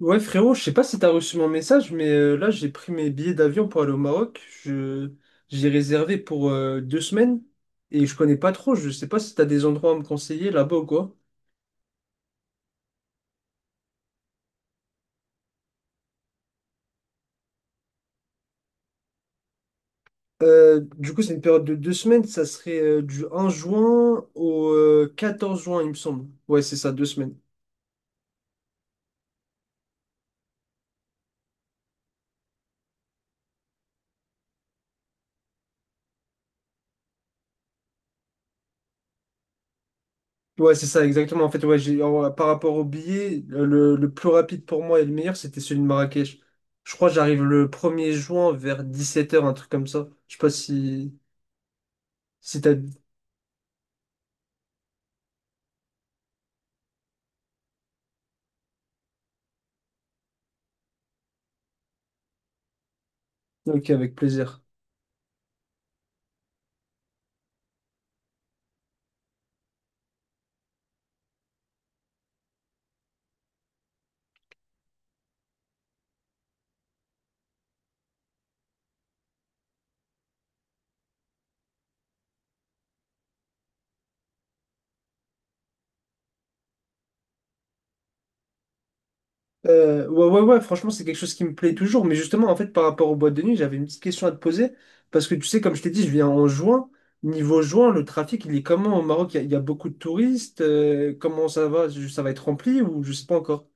Ouais frérot, je sais pas si t'as reçu mon message, mais là j'ai pris mes billets d'avion pour aller au Maroc. Je j'ai réservé pour deux semaines et je connais pas trop. Je sais pas si t'as des endroits à me conseiller là-bas ou quoi. Du coup, c'est une période de deux semaines. Ça serait du 1er juin au 14 juin, il me semble. Ouais, c'est ça, deux semaines. Ouais, c'est ça, exactement. En fait, ouais, par rapport au billet, le plus rapide pour moi et le meilleur, c'était celui de Marrakech. Je crois que j'arrive le 1er juin vers 17 h, un truc comme ça. Je sais pas si... Si t'as... Ok, avec plaisir. Ouais, franchement, c'est quelque chose qui me plaît toujours. Mais justement, en fait, par rapport aux boîtes de nuit, j'avais une petite question à te poser. Parce que tu sais, comme je t'ai dit, je viens en juin. Niveau juin, le trafic, il est comment au Maroc? Il y a beaucoup de touristes. Comment ça va? Ça va être rempli ou je sais pas encore?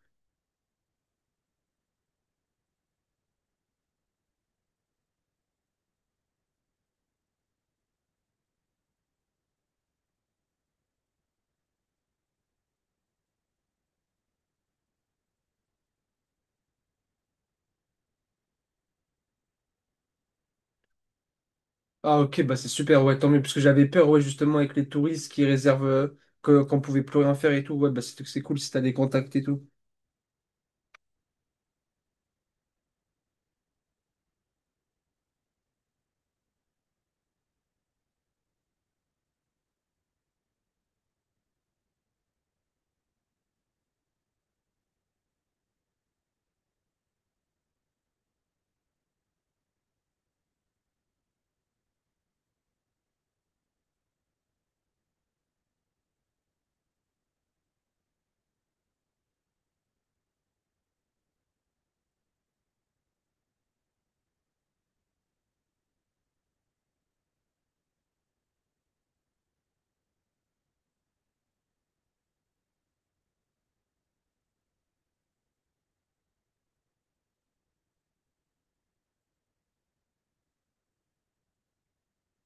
Ah ok, bah c'est super, ouais, tant mieux, parce que j'avais peur, ouais, justement, avec les touristes qui réservent, que, qu'on pouvait plus rien faire et tout, ouais, bah c'est cool si t'as des contacts et tout.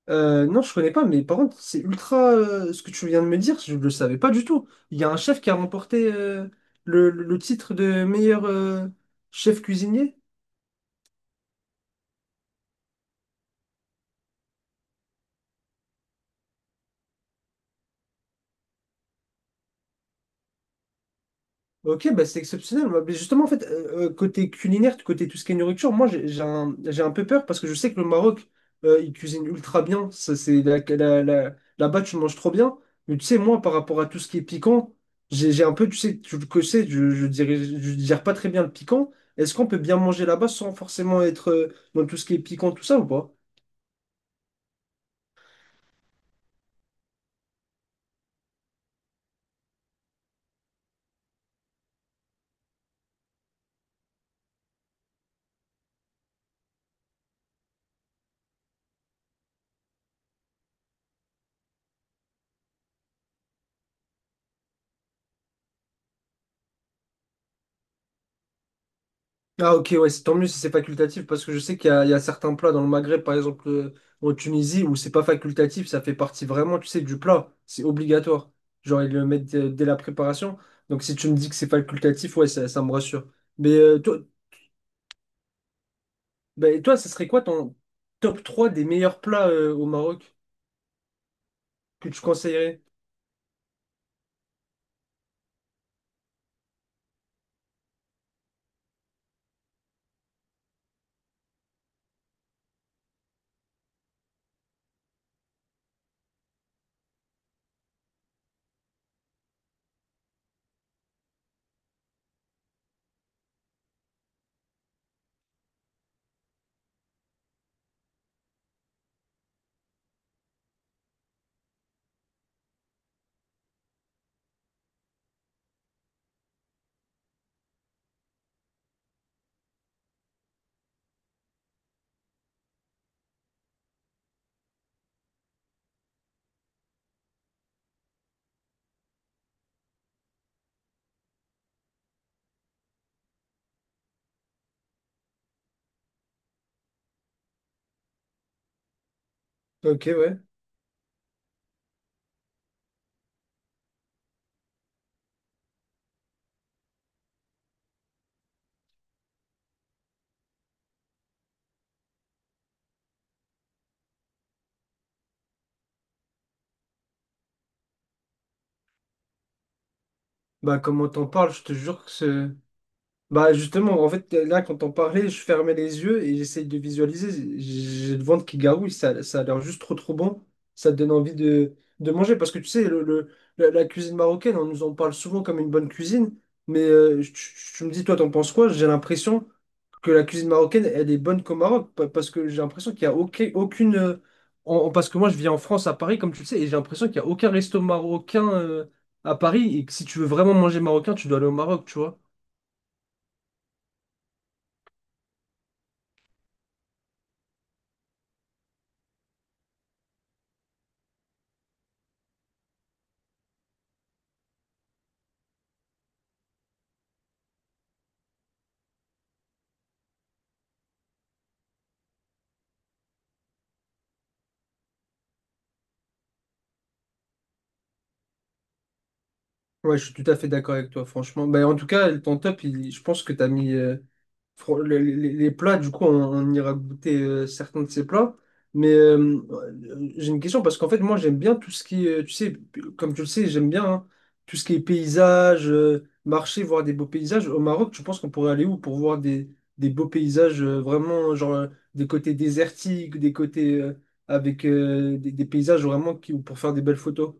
Non, je connais pas, mais par contre, c'est ultra, ce que tu viens de me dire, je le savais pas du tout. Il y a un chef qui a remporté, titre de meilleur, chef cuisinier. Ok, bah c'est exceptionnel. Moi, mais justement, en fait, côté culinaire, côté tout ce qui est nourriture, moi, j'ai un peu peur parce que je sais que le Maroc, il cuisine ultra bien. Ça, c'est là-bas, tu manges trop bien. Mais tu sais, moi, par rapport à tout ce qui est piquant, j'ai un peu, tu sais, tu le sais, je dirais, je digère pas très bien le piquant. Est-ce qu'on peut bien manger là-bas sans forcément être dans tout ce qui est piquant, tout ça ou pas? Ah ok, ouais, c'est tant mieux si c'est facultatif, parce que je sais qu'il y a certains plats dans le Maghreb, par exemple en Tunisie, où c'est pas facultatif, ça fait partie vraiment, tu sais, du plat, c'est obligatoire. Genre, ils le mettent dès la préparation. Donc si tu me dis que c'est facultatif, ouais, ça me rassure. Mais toi, bah, toi, ça serait quoi ton top 3 des meilleurs plats au Maroc que tu conseillerais? Ok, ouais. Bah comment t'en parles, je te jure que c'est... Bah justement, en fait, là, quand on parlait, je fermais les yeux et j'essayais de visualiser. J'ai le ventre qui garouille, ça a l'air juste trop trop bon. Ça te donne envie de manger. Parce que tu sais, la cuisine marocaine, on nous en parle souvent comme une bonne cuisine. Mais me dis, toi, t'en penses quoi? J'ai l'impression que la cuisine marocaine, elle est bonne qu'au Maroc. Parce que j'ai l'impression qu'il n'y a parce que moi, je vis en France, à Paris, comme tu le sais, et j'ai l'impression qu'il n'y a aucun resto marocain à Paris. Et que si tu veux vraiment manger marocain, tu dois aller au Maroc, tu vois. Ouais, je suis tout à fait d'accord avec toi, franchement. Ben, en tout cas, ton top, je pense que tu as mis les plats. Du coup, on ira goûter certains de ces plats. Mais j'ai une question parce qu'en fait, moi, j'aime bien tout ce qui est, tu sais, comme tu le sais, j'aime bien hein, tout ce qui est paysage, marché, voir des beaux paysages. Au Maroc, tu penses qu'on pourrait aller où pour voir des beaux paysages vraiment, genre des côtés désertiques, des côtés. Avec des paysages vraiment qui, pour faire des belles photos.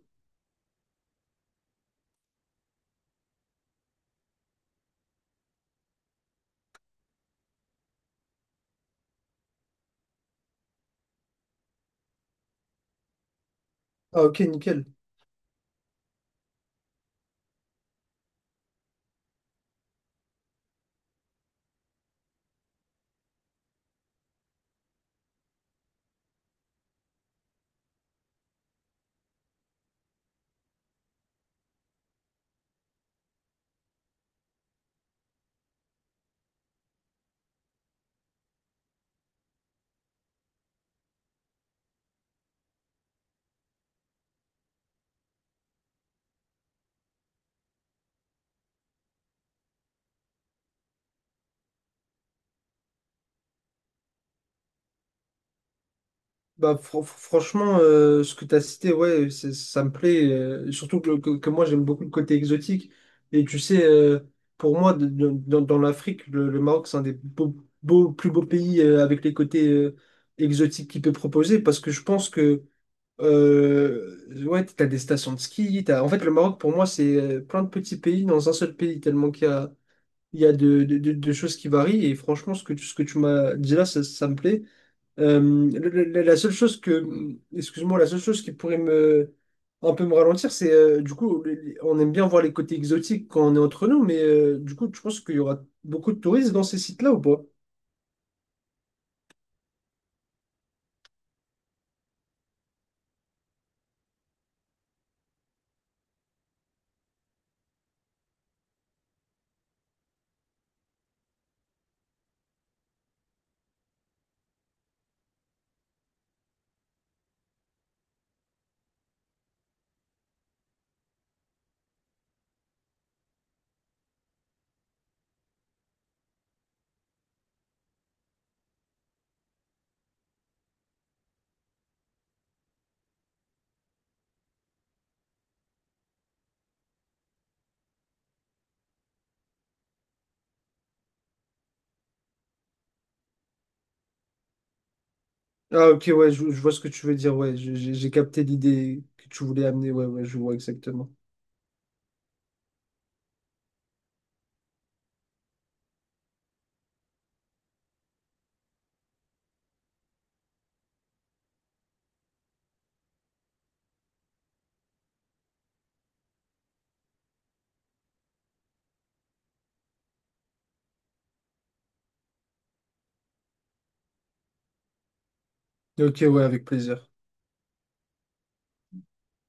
Ah ok, nickel. Bah, franchement, ce que tu as cité, ouais, ça me plaît. Surtout que moi, j'aime beaucoup le côté exotique. Et tu sais, pour moi, dans l'Afrique, le Maroc, c'est un des plus beaux pays avec les côtés exotiques qu'il peut proposer. Parce que je pense que ouais, tu as des stations de ski. En fait, le Maroc, pour moi, c'est plein de petits pays dans un seul pays, tellement qu'il y a, il y a de choses qui varient. Et franchement, ce que tu m'as dit là, ça me plaît. Euh, la seule excuse-moi, la seule chose qui pourrait me, un peu me ralentir, c'est du coup, on aime bien voir les côtés exotiques quand on est entre nous, mais du coup, tu penses qu'il y aura beaucoup de touristes dans ces sites-là ou pas? Ah, ok, ouais, je vois ce que tu veux dire, ouais, j'ai capté l'idée que tu voulais amener, ouais, ouais, je vois exactement. Ok, ouais, avec plaisir.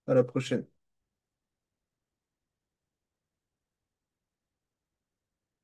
À la prochaine.